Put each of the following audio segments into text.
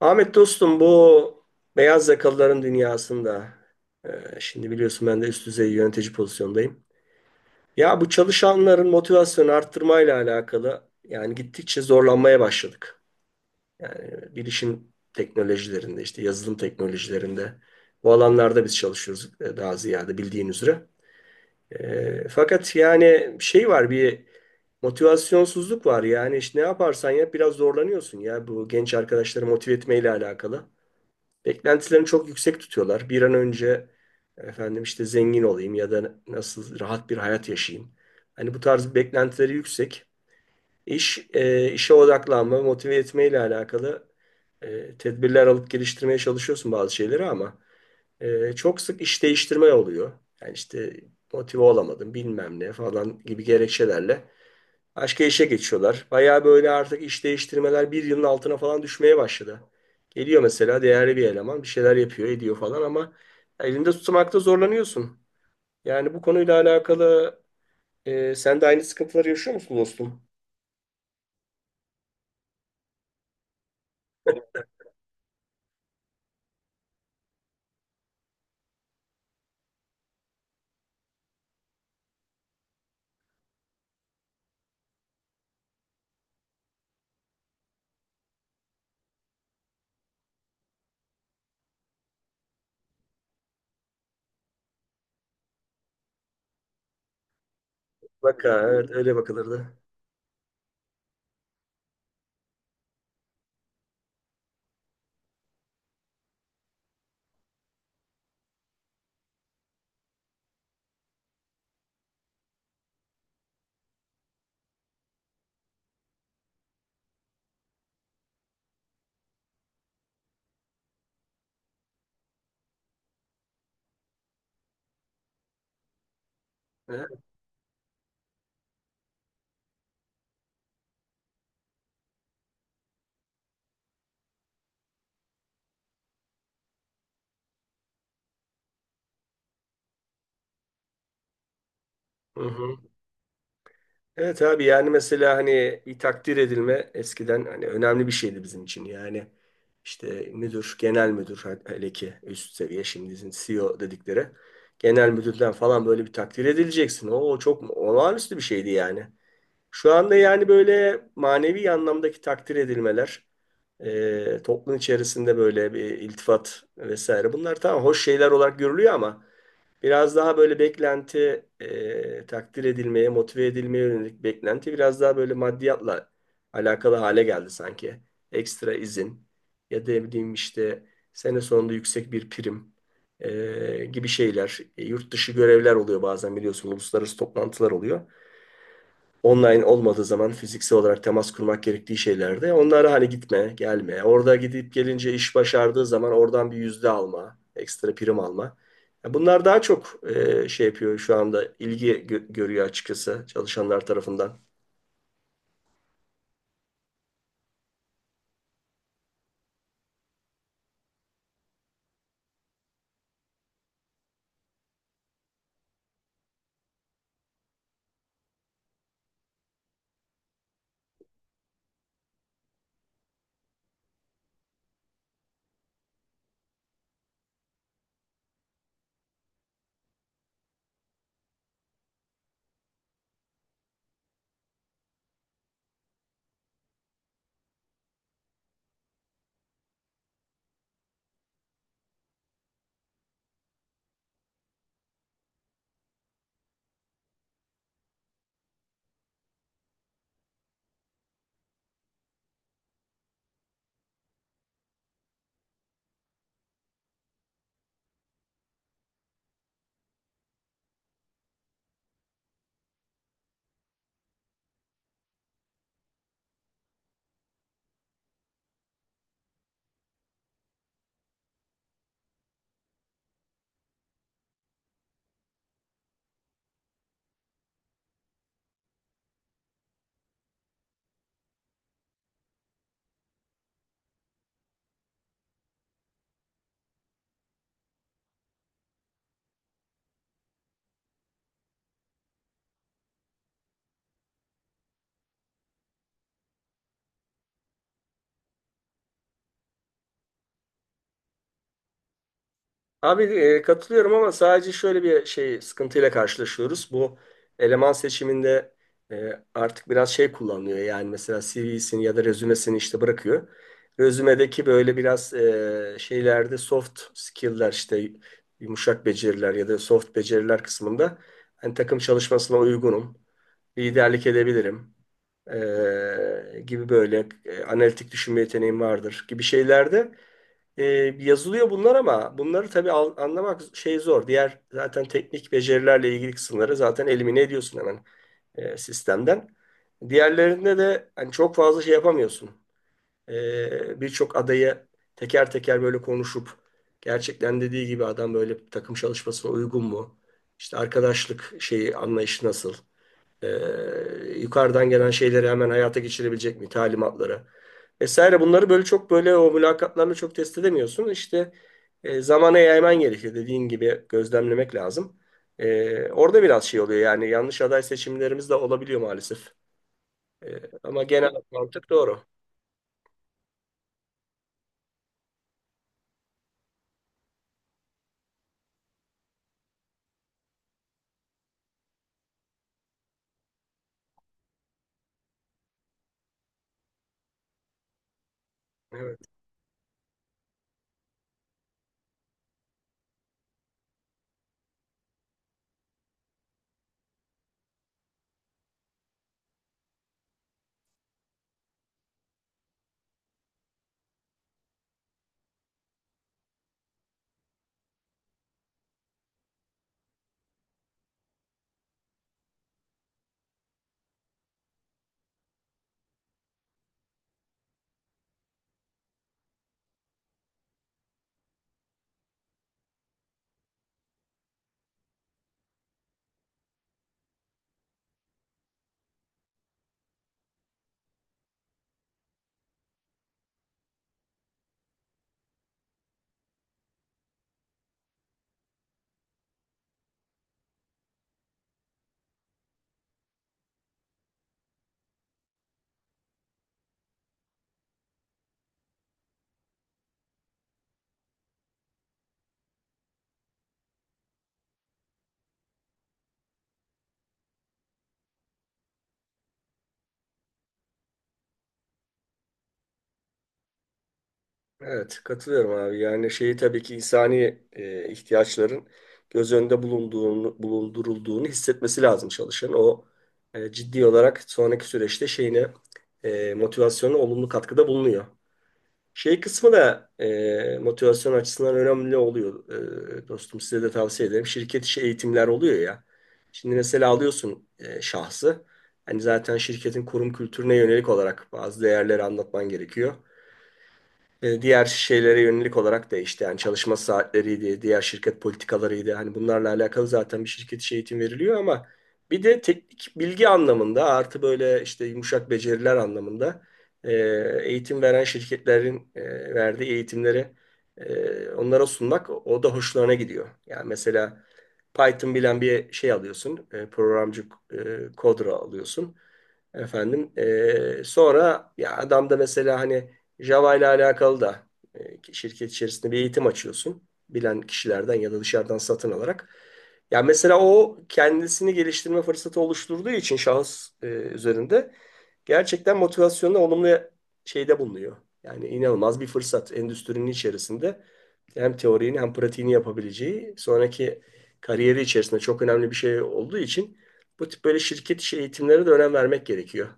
Ahmet dostum bu beyaz yakalıların dünyasında şimdi biliyorsun ben de üst düzey yönetici pozisyondayım. Ya bu çalışanların motivasyonu arttırmayla alakalı yani gittikçe zorlanmaya başladık. Yani bilişim teknolojilerinde işte yazılım teknolojilerinde bu alanlarda biz çalışıyoruz daha ziyade bildiğin üzere. Fakat yani şey var bir motivasyonsuzluk var yani işte ne yaparsan yap biraz zorlanıyorsun ya bu genç arkadaşları motive etmeyle alakalı. Beklentilerini çok yüksek tutuyorlar. Bir an önce efendim işte zengin olayım ya da nasıl rahat bir hayat yaşayayım. Hani bu tarz beklentileri yüksek. İş, işe odaklanma, motive etme ile alakalı tedbirler alıp geliştirmeye çalışıyorsun bazı şeyleri ama çok sık iş değiştirme oluyor. Yani işte motive olamadım bilmem ne falan gibi gerekçelerle başka işe geçiyorlar. Bayağı böyle artık iş değiştirmeler bir yılın altına falan düşmeye başladı. Geliyor mesela değerli bir eleman bir şeyler yapıyor ediyor falan ama elinde tutmakta zorlanıyorsun. Yani bu konuyla alakalı sen de aynı sıkıntıları yaşıyor musun dostum? Bak ha, evet öyle bakılırdı. He? Hı hı. Evet abi, yani mesela hani bir takdir edilme eskiden hani önemli bir şeydi bizim için. Yani işte müdür, genel müdür hele ki üst seviye, şimdi bizim CEO dedikleri. Genel müdürden falan böyle bir takdir edileceksin. O çok olağanüstü bir şeydi yani. Şu anda yani böyle manevi anlamdaki takdir edilmeler, toplum içerisinde böyle bir iltifat vesaire bunlar tamam hoş şeyler olarak görülüyor ama biraz daha böyle beklenti, takdir edilmeye, motive edilmeye yönelik beklenti biraz daha böyle maddiyatla alakalı hale geldi sanki. Ekstra izin ya da ne bileyim işte sene sonunda yüksek bir prim gibi şeyler. Yurt dışı görevler oluyor bazen biliyorsun, uluslararası toplantılar oluyor online olmadığı zaman fiziksel olarak temas kurmak gerektiği şeylerde onlara hani gitme, gelme. Orada gidip gelince iş başardığı zaman oradan bir yüzde alma, ekstra prim alma. Ya bunlar daha çok şey yapıyor şu anda, ilgi görüyor açıkçası çalışanlar tarafından. Abi katılıyorum ama sadece şöyle bir şey, sıkıntıyla karşılaşıyoruz. Bu eleman seçiminde artık biraz şey kullanılıyor. Yani mesela CV'sini ya da rezümesini işte bırakıyor. Rezümedeki böyle biraz şeylerde soft skill'ler işte yumuşak beceriler ya da soft beceriler kısmında hani takım çalışmasına uygunum, liderlik edebilirim gibi böyle analitik düşünme yeteneğim vardır gibi şeylerde e, yazılıyor bunlar ama bunları tabii anlamak şey zor. Diğer zaten teknik becerilerle ilgili kısımları zaten elimine ediyorsun hemen sistemden. Diğerlerinde de hani çok fazla şey yapamıyorsun. Birçok adayı teker teker böyle konuşup gerçekten dediği gibi adam böyle takım çalışmasına uygun mu? İşte arkadaşlık şeyi anlayışı nasıl? Ee, Yukarıdan gelen şeyleri hemen hayata geçirebilecek mi? Talimatları vesaire. Bunları böyle çok böyle o mülakatlarla çok test edemiyorsun. İşte zamana yayman gerekiyor. Dediğin gibi gözlemlemek lazım. Orada biraz şey oluyor yani yanlış aday seçimlerimiz de olabiliyor maalesef. Ama genel mantık doğru. Evet. Evet, katılıyorum abi. Yani şeyi tabii ki insani ihtiyaçların göz önünde bulunduğunu, bulundurulduğunu hissetmesi lazım çalışan. O ciddi olarak sonraki süreçte şeyine motivasyona olumlu katkıda bulunuyor. Şey kısmı da motivasyon açısından önemli oluyor. Dostum size de tavsiye ederim. Şirket içi eğitimler oluyor ya. Şimdi mesela alıyorsun şahsı. Hani zaten şirketin kurum kültürüne yönelik olarak bazı değerleri anlatman gerekiyor, diğer şeylere yönelik olarak değişti. Yani çalışma saatleriydi, diğer şirket politikalarıydı. Hani bunlarla alakalı zaten bir şirket içi eğitim veriliyor ama bir de teknik bilgi anlamında artı böyle işte yumuşak beceriler anlamında e, eğitim veren şirketlerin verdiği eğitimleri onlara sunmak, o da hoşlarına gidiyor. Yani mesela Python bilen bir şey alıyorsun, programcı kodra alıyorsun. Efendim, sonra ya adam da mesela hani Java ile alakalı da şirket içerisinde bir eğitim açıyorsun. Bilen kişilerden ya da dışarıdan satın alarak. Yani mesela o kendisini geliştirme fırsatı oluşturduğu için şahıs üzerinde gerçekten motivasyonla olumlu şeyde bulunuyor. Yani inanılmaz bir fırsat endüstrinin içerisinde hem teorini hem pratiğini yapabileceği sonraki kariyeri içerisinde çok önemli bir şey olduğu için bu tip böyle şirket içi eğitimlere de önem vermek gerekiyor.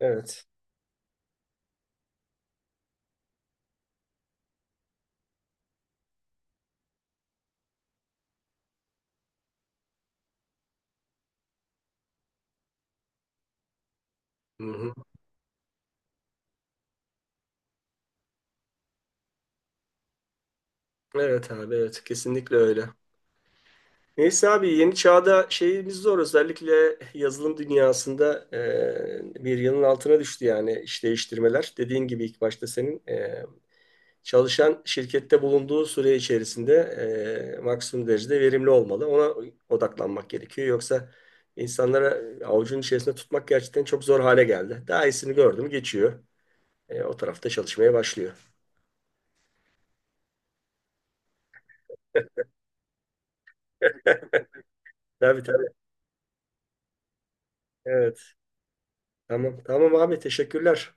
Evet. Hı hı. Evet abi, evet kesinlikle öyle. Neyse abi, yeni çağda şeyimiz zor, özellikle yazılım dünyasında bir yılın altına düştü yani iş değiştirmeler. Dediğin gibi ilk başta senin çalışan şirkette bulunduğu süre içerisinde maksimum derecede verimli olmalı. Ona odaklanmak gerekiyor. Yoksa insanlara avucun içerisinde tutmak gerçekten çok zor hale geldi. Daha iyisini gördü mü geçiyor. O tarafta çalışmaya başlıyor. Tabii tabii, evet, tamam tamam abi, teşekkürler.